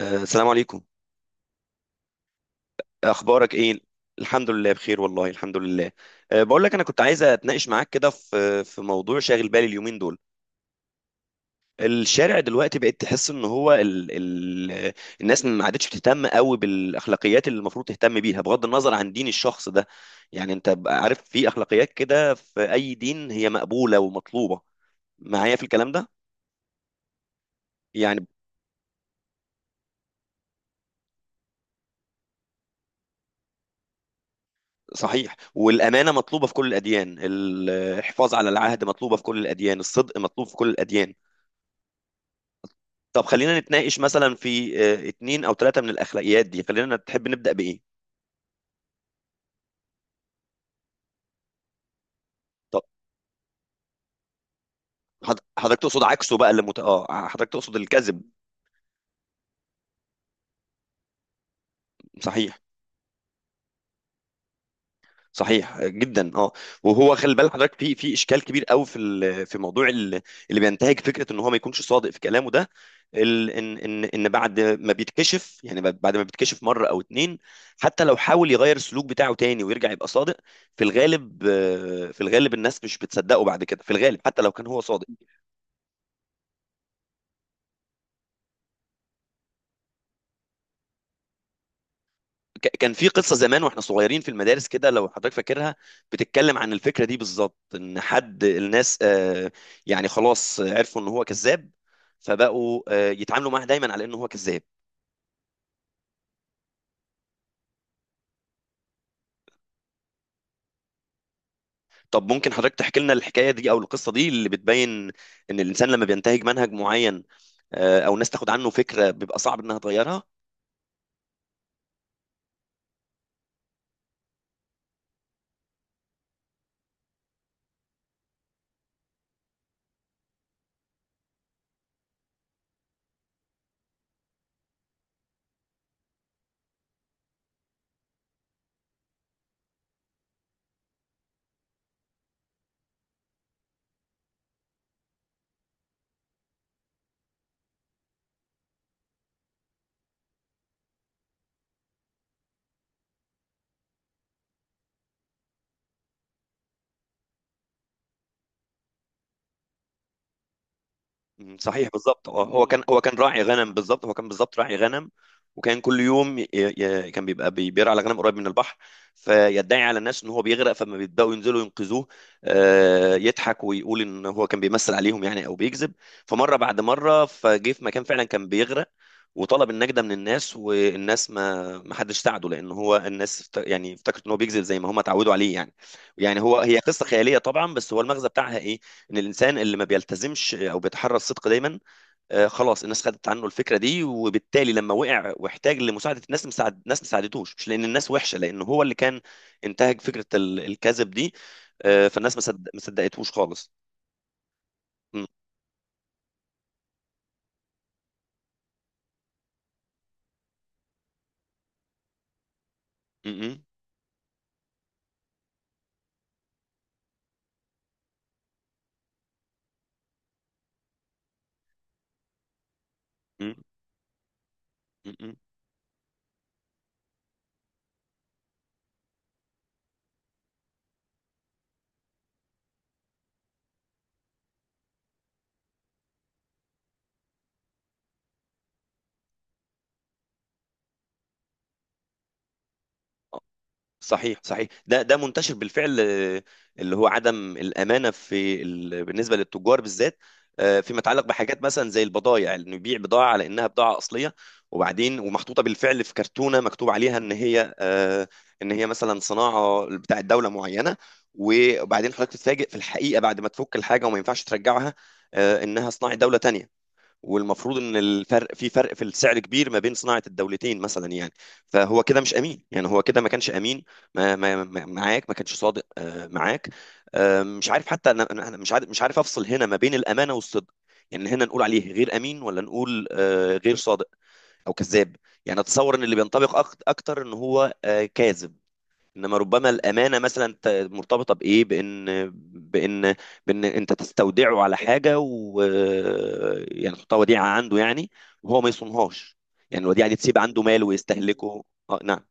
السلام عليكم. اخبارك ايه؟ الحمد لله بخير، والله الحمد لله. بقول لك، انا كنت عايز اتناقش معاك كده في موضوع شاغل بالي اليومين دول. الشارع دلوقتي بقيت تحس ان هو ال ال الناس ما عادتش بتهتم قوي بالاخلاقيات اللي المفروض تهتم بيها بغض النظر عن دين الشخص ده. يعني انت بقى عارف في اخلاقيات كده في اي دين هي مقبولة ومطلوبة. معايا في الكلام ده؟ يعني صحيح، والأمانة مطلوبة في كل الأديان، الحفاظ على العهد مطلوبة في كل الأديان، الصدق مطلوب في كل الأديان. طب خلينا نتناقش مثلا في اتنين او تلاتة من الاخلاقيات دي، خلينا تحب نبدأ بايه؟ طب حضرتك تقصد عكسه بقى، اه، حضرتك تقصد الكذب. صحيح، صحيح، جدا. اه. وهو خلي بال حضرتك، في اشكال كبير قوي في موضوع اللي بينتهج فكرة ان هو ما يكونش صادق في كلامه ده. ان بعد ما بيتكشف، يعني، بعد ما بيتكشف مرة او اتنين، حتى لو حاول يغير السلوك بتاعه تاني ويرجع يبقى صادق، في الغالب الناس مش بتصدقه بعد كده، في الغالب حتى لو كان هو صادق. كان في قصة زمان واحنا صغيرين في المدارس كده، لو حضرتك فاكرها، بتتكلم عن الفكرة دي بالظبط، ان حد الناس يعني خلاص عرفوا ان هو كذاب، فبقوا يتعاملوا معاه دايما على انه هو كذاب. طب ممكن حضرتك تحكي لنا الحكاية دي او القصة دي اللي بتبين ان الانسان لما بينتهج منهج معين، او الناس تاخد عنه فكرة، بيبقى صعب انها تغيرها. مم، صحيح، بالظبط. هو كان راعي غنم، بالظبط، هو كان بالظبط راعي غنم. وكان كل يوم كان بيبقى بيرعى على غنم قريب من البحر، فيدعي على الناس ان هو بيغرق، فلما بيبداوا ينزلوا ينقذوه، يضحك ويقول ان هو كان بيمثل عليهم، يعني او بيكذب. فمره بعد مره، فجه في مكان فعلا كان بيغرق وطلب النجدة من الناس، والناس ما حدش ساعده، لان هو الناس يعني افتكرت ان هو بيكذب زي ما هم اتعودوا عليه، يعني. يعني هي قصة خيالية طبعا، بس هو المغزى بتاعها ايه؟ ان الانسان اللي ما بيلتزمش او بيتحرى الصدق دايما، خلاص الناس خدت عنه الفكره دي، وبالتالي لما وقع واحتاج لمساعده الناس، مساعد ناس ما ساعدتوش، مش لان الناس وحشه، لان هو اللي كان انتهج فكره الكذب دي. فالناس ما صدقتهوش خالص. م- م- م- م- م- م. صحيح، صحيح، ده منتشر بالفعل، اللي هو عدم الامانه بالنسبه للتجار بالذات، فيما يتعلق بحاجات مثلا زي البضائع، انه يبيع بضاعه على انها بضاعه اصليه، وبعدين ومحطوطه بالفعل في كرتونه مكتوب عليها ان هي مثلا صناعه بتاع دوله معينه، وبعدين حضرتك تتفاجئ في الحقيقه بعد ما تفك الحاجه وما ينفعش ترجعها، انها صناعه دوله تانية، والمفروض ان الفرق في فرق في السعر كبير ما بين صناعه الدولتين مثلا يعني. فهو كده مش امين، يعني هو كده ما كانش امين، معاك، ما كانش صادق معاك. مش عارف، حتى انا أنا- أنا مش عارف افصل هنا ما بين الامانه والصدق. يعني هنا نقول عليه غير امين ولا نقول غير صادق او كذاب؟ يعني اتصور ان اللي بينطبق اكتر ان هو كاذب. انما ربما الامانه مثلا مرتبطه بايه، بان بان انت تستودعه على حاجه، و... يعني تحطها وديعه عنده، يعني، وهو ما يصونهاش. يعني الوديعه دي تسيب عنده مال ويستهلكه. اه، نعم.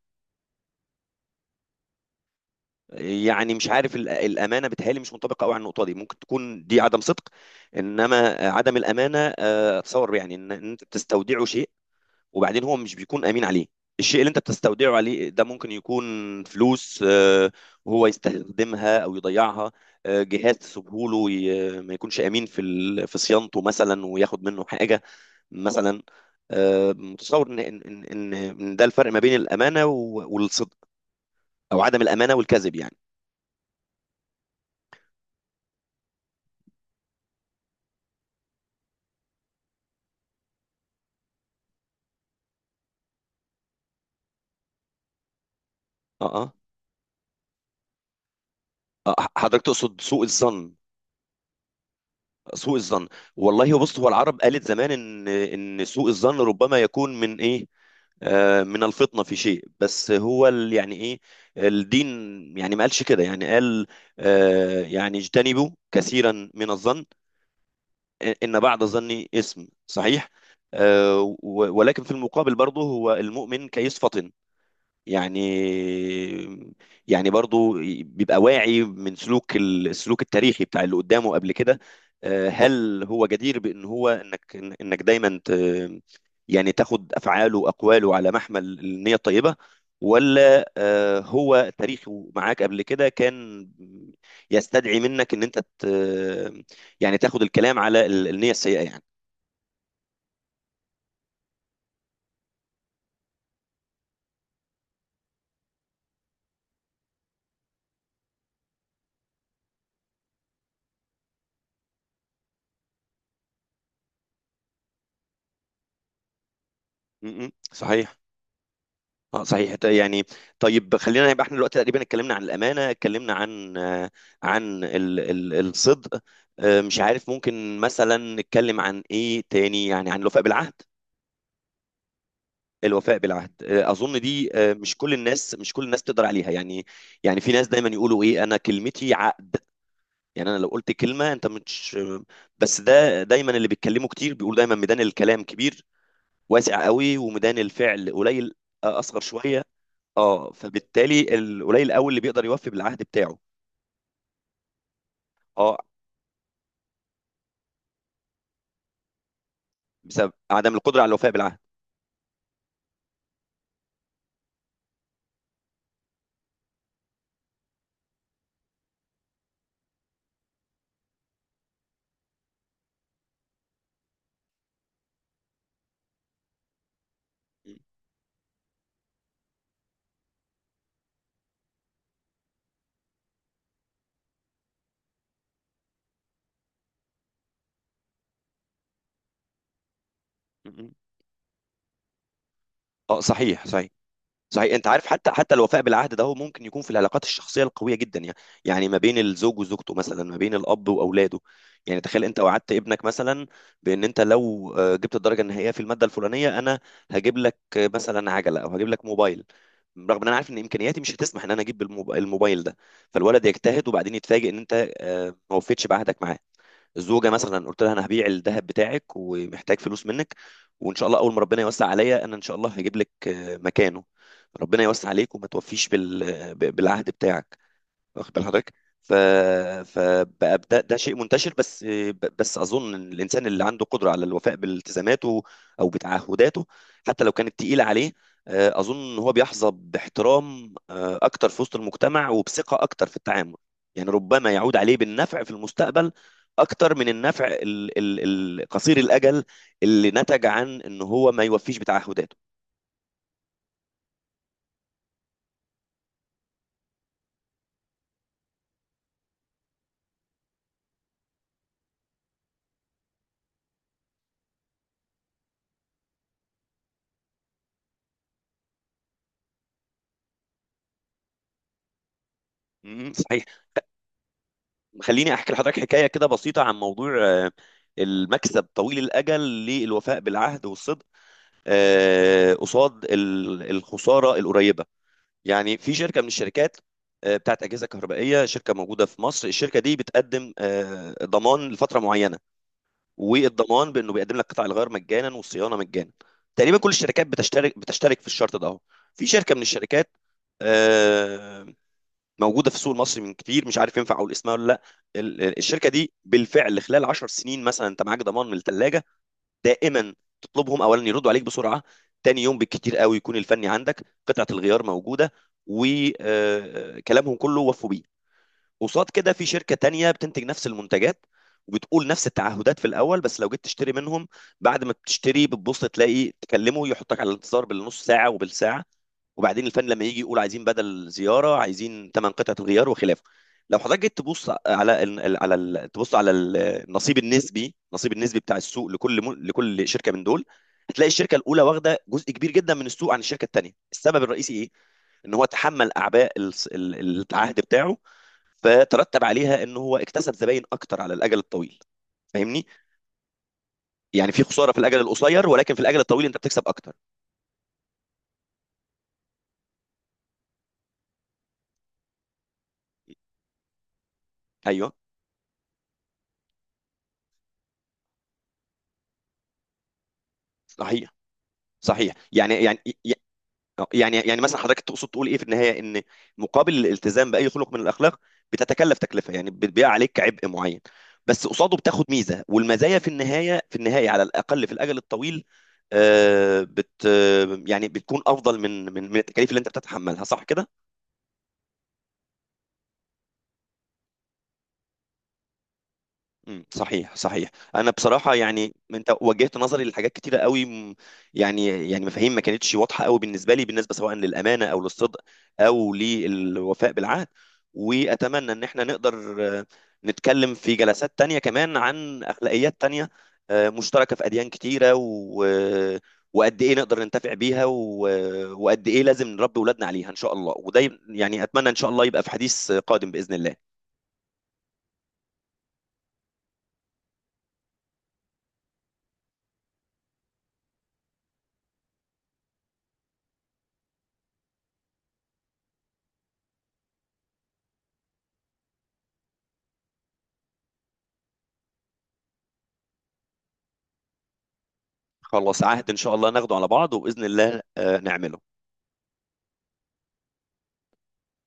يعني مش عارف، الامانه بتهيألي مش منطبقه قوي على النقطه دي، ممكن تكون دي عدم صدق. انما عدم الامانه، اتصور يعني ان انت بتستودعه شيء، وبعدين هو مش بيكون امين عليه. الشيء اللي انت بتستودعه عليه ده ممكن يكون فلوس، وهو يستخدمها او يضيعها. جهاز تسيبه له، ما يكونش امين في صيانته مثلا، وياخد منه حاجه مثلا. متصور ان ده الفرق ما بين الامانه والصدق، او عدم الامانه والكذب، يعني. اه، اه. حضرتك تقصد سوء الظن؟ سوء الظن. والله بص، هو العرب قالت زمان ان سوء الظن ربما يكون من ايه؟ من الفطنة في شيء، بس هو يعني ايه، الدين. يعني ما قالش كده، يعني قال يعني اجتنبوا كثيرا من الظن، ان بعد الظن اسم صحيح. آه، و- ولكن في المقابل برضه، هو المؤمن كيس فطن، يعني، برضو بيبقى واعي من سلوك السلوك التاريخي بتاع اللي قدامه قبل كده. هل هو جدير بان هو انك دايما يعني تاخد افعاله واقواله على محمل النية الطيبة، ولا هو تاريخه معاك قبل كده كان يستدعي منك ان انت يعني تاخد الكلام على النية السيئة، يعني. م، صحيح، اه، صحيح، يعني. طيب خلينا يبقى احنا دلوقتي تقريبا اتكلمنا عن الامانه، اتكلمنا عن ال ال الصدق. مش عارف، ممكن مثلا نتكلم عن ايه تاني، يعني عن الوفاء بالعهد. الوفاء بالعهد، اظن دي مش كل الناس تقدر عليها يعني. يعني في ناس دايما يقولوا ايه، انا كلمتي عقد. يعني انا لو قلت كلمه انت مش... بس ده دايما اللي بيتكلموا كتير بيقول، دايما ميدان الكلام كبير، واسع قوي، وميدان الفعل قليل، اصغر شويه. اه، فبالتالي القليل قوي اللي بيقدر يوفي بالعهد بتاعه. اه، بسبب عدم القدره على الوفاء بالعهد. م- اه، صحيح، صحيح، صحيح. انت عارف، حتى الوفاء بالعهد ده هو ممكن يكون في العلاقات الشخصيه القويه جدا، يعني يعني ما بين الزوج وزوجته مثلا، ما بين الاب واولاده. يعني تخيل انت وعدت ابنك مثلا بان انت لو جبت الدرجه النهائيه في الماده الفلانيه، انا هجيب لك مثلا عجله، او هجيب لك موبايل، رغم ان انا عارف ان امكانياتي مش هتسمح ان انا اجيب الموبايل ده، فالولد يجتهد وبعدين يتفاجئ ان انت ما وفيتش بعهدك معاه. الزوجه مثلا قلت لها انا هبيع الذهب بتاعك ومحتاج فلوس منك، وان شاء الله اول ما ربنا يوسع عليا انا ان شاء الله هجيب لك مكانه، ربنا يوسع عليك، وما توفيش بالعهد بتاعك. واخد بال حضرتك؟ ف فبقى ده شيء منتشر، بس اظن إن الانسان اللي عنده قدره على الوفاء بالتزاماته او بتعهداته، حتى لو كانت تقيله عليه، اظن ان هو بيحظى باحترام اكتر في وسط المجتمع، وبثقه اكتر في التعامل. يعني ربما يعود عليه بالنفع في المستقبل اكتر من النفع قصير الاجل اللي نتج عن ان هو ما يوفيش بتعهداته. صحيح. خليني احكي لحضرتك حكايه كده بسيطه، عن موضوع المكسب طويل الاجل للوفاء بالعهد والصدق، قصاد الخساره القريبه. يعني في شركه من الشركات بتاعت اجهزه كهربائيه، شركه موجوده في مصر، الشركه دي بتقدم ضمان لفتره معينه، والضمان بانه بيقدم لك قطع الغيار مجانا والصيانه مجانا. تقريبا كل الشركات بتشترك في الشرط ده اهو. في شركه من الشركات آه، موجوده في السوق المصري من كتير، مش عارف ينفع اقول اسمها ولا لا. الشركه دي بالفعل خلال 10 سنين مثلا، انت معاك ضمان من الثلاجه دائما. تطلبهم اولا يردوا عليك بسرعه، تاني يوم بالكتير قوي يكون الفني عندك، قطعه الغيار موجوده، وكلامهم كله وفوا بيه. قصاد كده في شركه تانية بتنتج نفس المنتجات، وبتقول نفس التعهدات في الاول، بس لو جيت تشتري منهم، بعد ما بتشتري بتبص تلاقي تكلمه يحطك على الانتظار بالنص ساعه وبالساعه، وبعدين الفن لما يجي يقول عايزين بدل زياره، عايزين ثمان قطعه غيار وخلافه. لو حضرتك جيت تبص على ال على ال تبص على النصيب النسبي بتاع السوق، لكل شركه من دول، هتلاقي الشركه الاولى واخده جزء كبير جدا من السوق عن الشركه الثانيه. السبب الرئيسي ايه؟ ان هو تحمل اعباء العهد بتاعه، فترتب عليها ان هو اكتسب زباين اكتر على الاجل الطويل، فاهمني؟ يعني في خساره في الاجل القصير، ولكن في الاجل الطويل انت بتكسب اكتر. ايوه، صحيح، صحيح، يعني مثلا حضرتك تقصد تقول ايه في النهايه، ان مقابل الالتزام باي خلق من الاخلاق بتتكلف تكلفه، يعني بتبيع عليك عبء معين، بس قصاده بتاخد ميزه، والمزايا في النهايه على الاقل في الاجل الطويل، بت آه، يعني بتكون افضل من التكاليف اللي انت بتتحملها، صح كده؟ مم، صحيح، صحيح، انا بصراحه يعني انت وجهت نظري لحاجات كتيره قوي، يعني مفاهيم ما كانتش واضحه قوي بالنسبه لي، بالنسبه سواء للامانه او للصدق او للوفاء بالعهد. واتمنى ان احنا نقدر آه، نتكلم في جلسات تانية كمان عن اخلاقيات تانية، مشتركه في اديان كتيره، و... آه، وقد ايه نقدر ننتفع بيها، و... آه، وقد ايه لازم نربي اولادنا عليها ان شاء الله. وده يعني اتمنى ان شاء الله يبقى في حديث قادم باذن الله. خلاص عهد ان شاء الله ناخده على بعض، وباذن الله نعمله.